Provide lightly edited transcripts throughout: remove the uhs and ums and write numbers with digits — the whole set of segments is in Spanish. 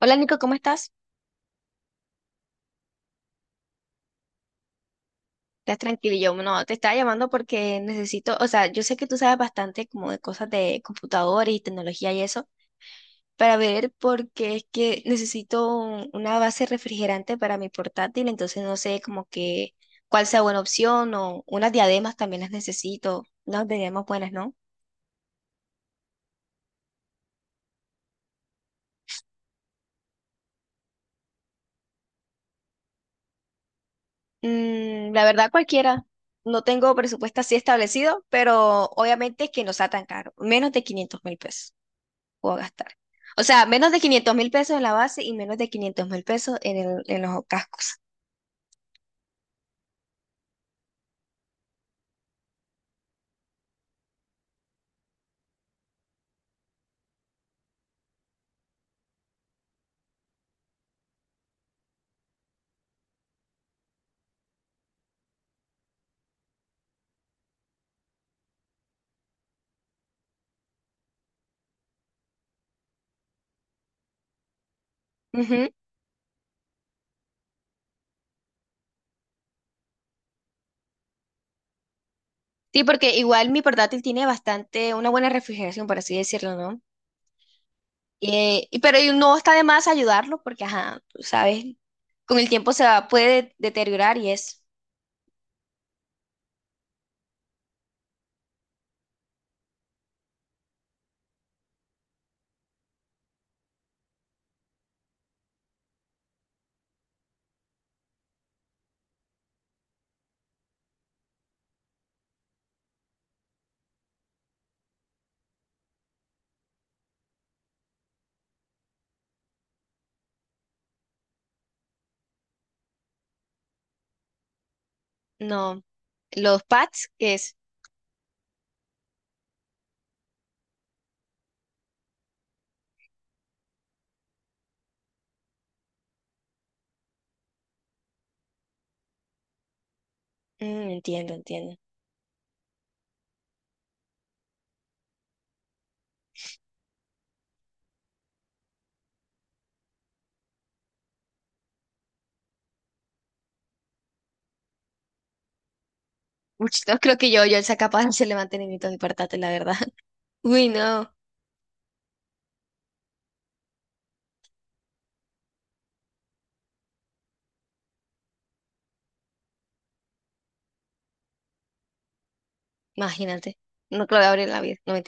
Hola Nico, ¿cómo estás? ¿Estás tranquilo? Yo no, te estaba llamando porque necesito, o sea, yo sé que tú sabes bastante como de cosas de computador y tecnología y eso, para ver porque es que necesito una base refrigerante para mi portátil, entonces no sé como que cuál sea buena opción o unas diademas también las necesito, unas diademas buenas, ¿no? La verdad cualquiera. No tengo presupuesto así establecido, pero obviamente que no sea tan caro, menos de 500.000 pesos puedo gastar. O sea, menos de 500.000 pesos en la base y menos de 500.000 pesos en los cascos. Ujú. Sí, porque igual mi portátil tiene bastante, una buena refrigeración, por así decirlo, ¿no? Pero y no está de más ayudarlo porque, ajá, tú sabes, con el tiempo se va, puede deteriorar y es, no, los pads, que es, entiendo, entiendo. Uy, no creo que yo sea capaz de hacerle mantenimiento a mi portátil, la verdad. Uy, no, imagínate, no creo que abrir la vida, no me.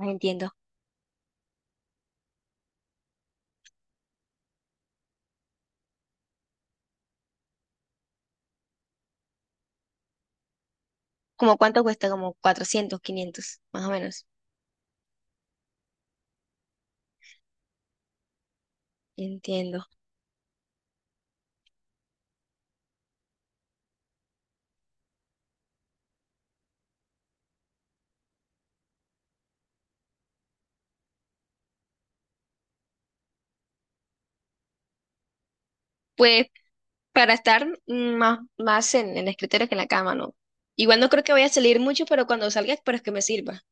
Entiendo. ¿Como cuánto cuesta? Como 400, 500, más o menos. Entiendo. Pues para estar más, más en el escritorio que en la cama, ¿no? Igual no creo que vaya a salir mucho, pero cuando salga espero que me sirva.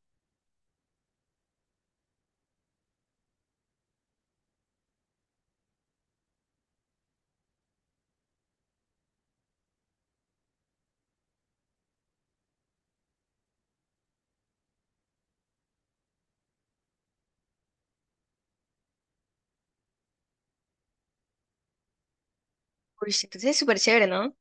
Uy, sí, entonces es súper chévere, ¿no?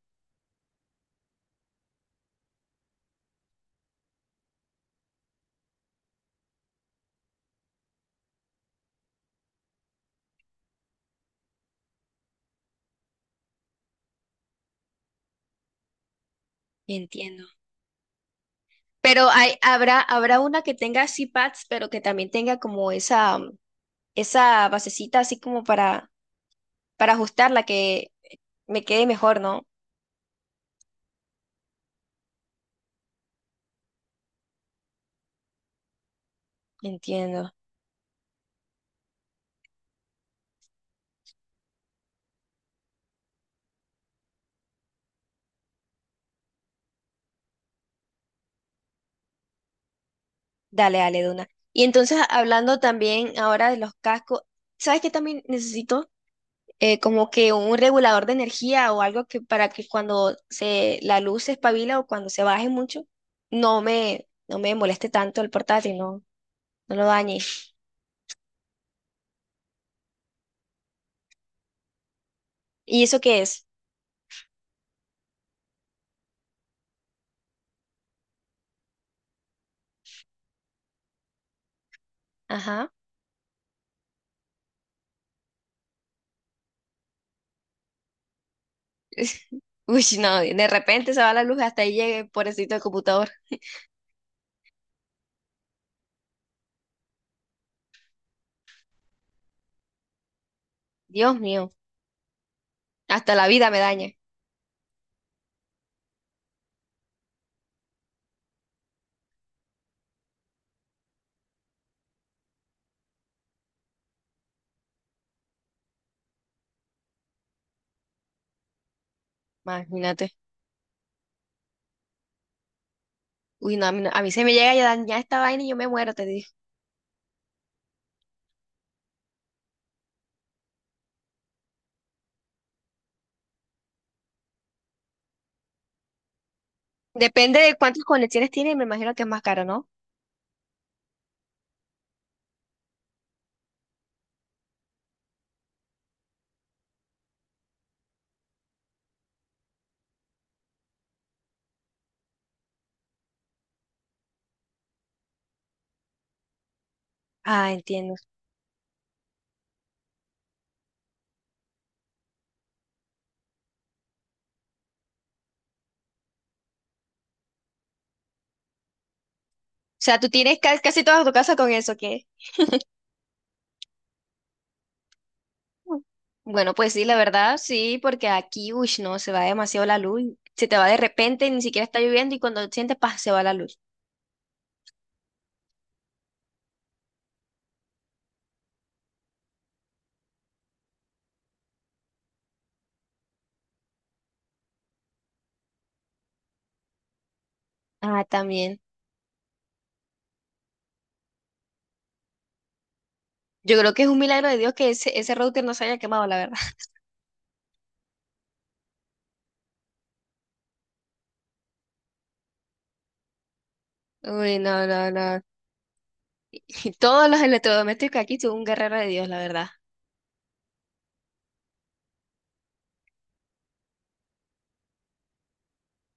Entiendo. Pero habrá una que tenga así pads, pero que también tenga como esa, esa basecita así como para ajustarla, que me quede mejor, ¿no? Entiendo. Dale, dale, Duna. Y entonces, hablando también ahora de los cascos, ¿sabes qué también necesito? Como que un regulador de energía o algo que para que cuando la luz se espabila o cuando se baje mucho, no me moleste tanto el portátil, no lo dañe. ¿Y eso qué es? Ajá. Uy, no, de repente se va la luz hasta ahí llegue, pobrecito el computador. Dios mío, hasta la vida me daña. Imagínate. Uy, no, a mí se me llega a dañar esta vaina y yo me muero, te. Depende de cuántas conexiones tiene, me imagino que es más caro, ¿no? Ah, entiendo. O sea, tú tienes casi toda tu casa con eso, ¿qué? Mm. Bueno, pues sí, la verdad, sí, porque aquí, uy, no, se va demasiado la luz. Se te va de repente, ni siquiera está lloviendo y cuando sientes, paz, se va la luz. Ah, también. Yo creo que es un milagro de Dios que ese router no se haya quemado, la verdad. Uy, no, no, no. Y todos los electrodomésticos aquí son un guerrero de Dios, la verdad.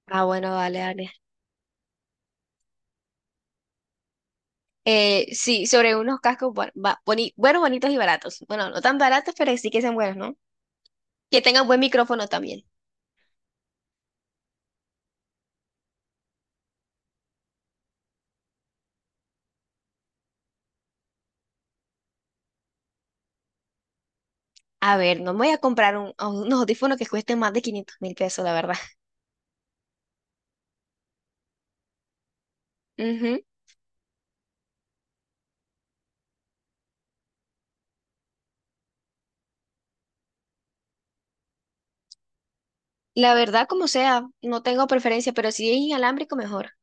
Ah, bueno, vale, vale. Sí, sobre unos cascos buenos, bonitos y baratos. Bueno, no tan baratos, pero sí que sean buenos, ¿no? Que tengan buen micrófono también. A ver, no me voy a comprar a unos audífonos que cuesten más de 500.000 pesos, la verdad. Ujú. La verdad, como sea, no tengo preferencia, pero si es inalámbrico, mejor.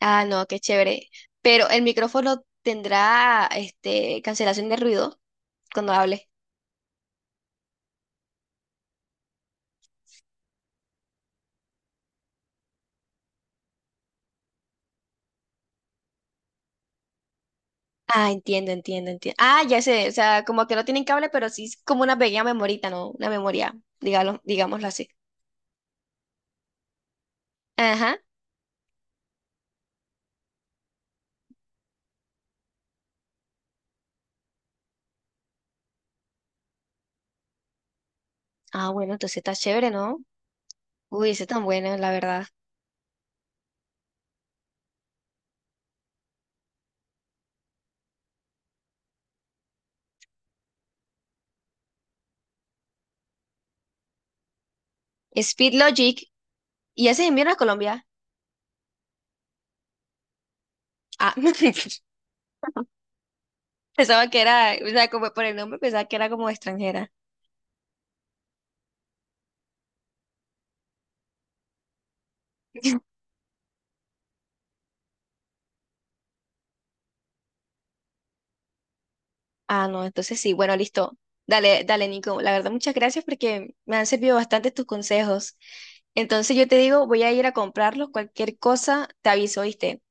Ah, no, qué chévere. Pero el micrófono tendrá, este, cancelación de ruido cuando hable. Ah, entiendo, entiendo, entiendo. Ah, ya sé, o sea, como que no tienen cable, pero sí es como una pequeña memorita, ¿no? Una memoria, digamos, digámoslo así. Ajá. Ah, bueno, entonces está chévere, ¿no? Uy, ese tan bueno, la verdad. Speed Logic. ¿Y ya se envió a Colombia? Ah, pensaba que era, o sea, como por el nombre pensaba que era como extranjera. Ah, no, entonces sí, bueno, listo. Dale, dale, Nico. La verdad, muchas gracias porque me han servido bastante tus consejos. Entonces yo te digo, voy a ir a comprarlos. Cualquier cosa, te aviso, ¿viste?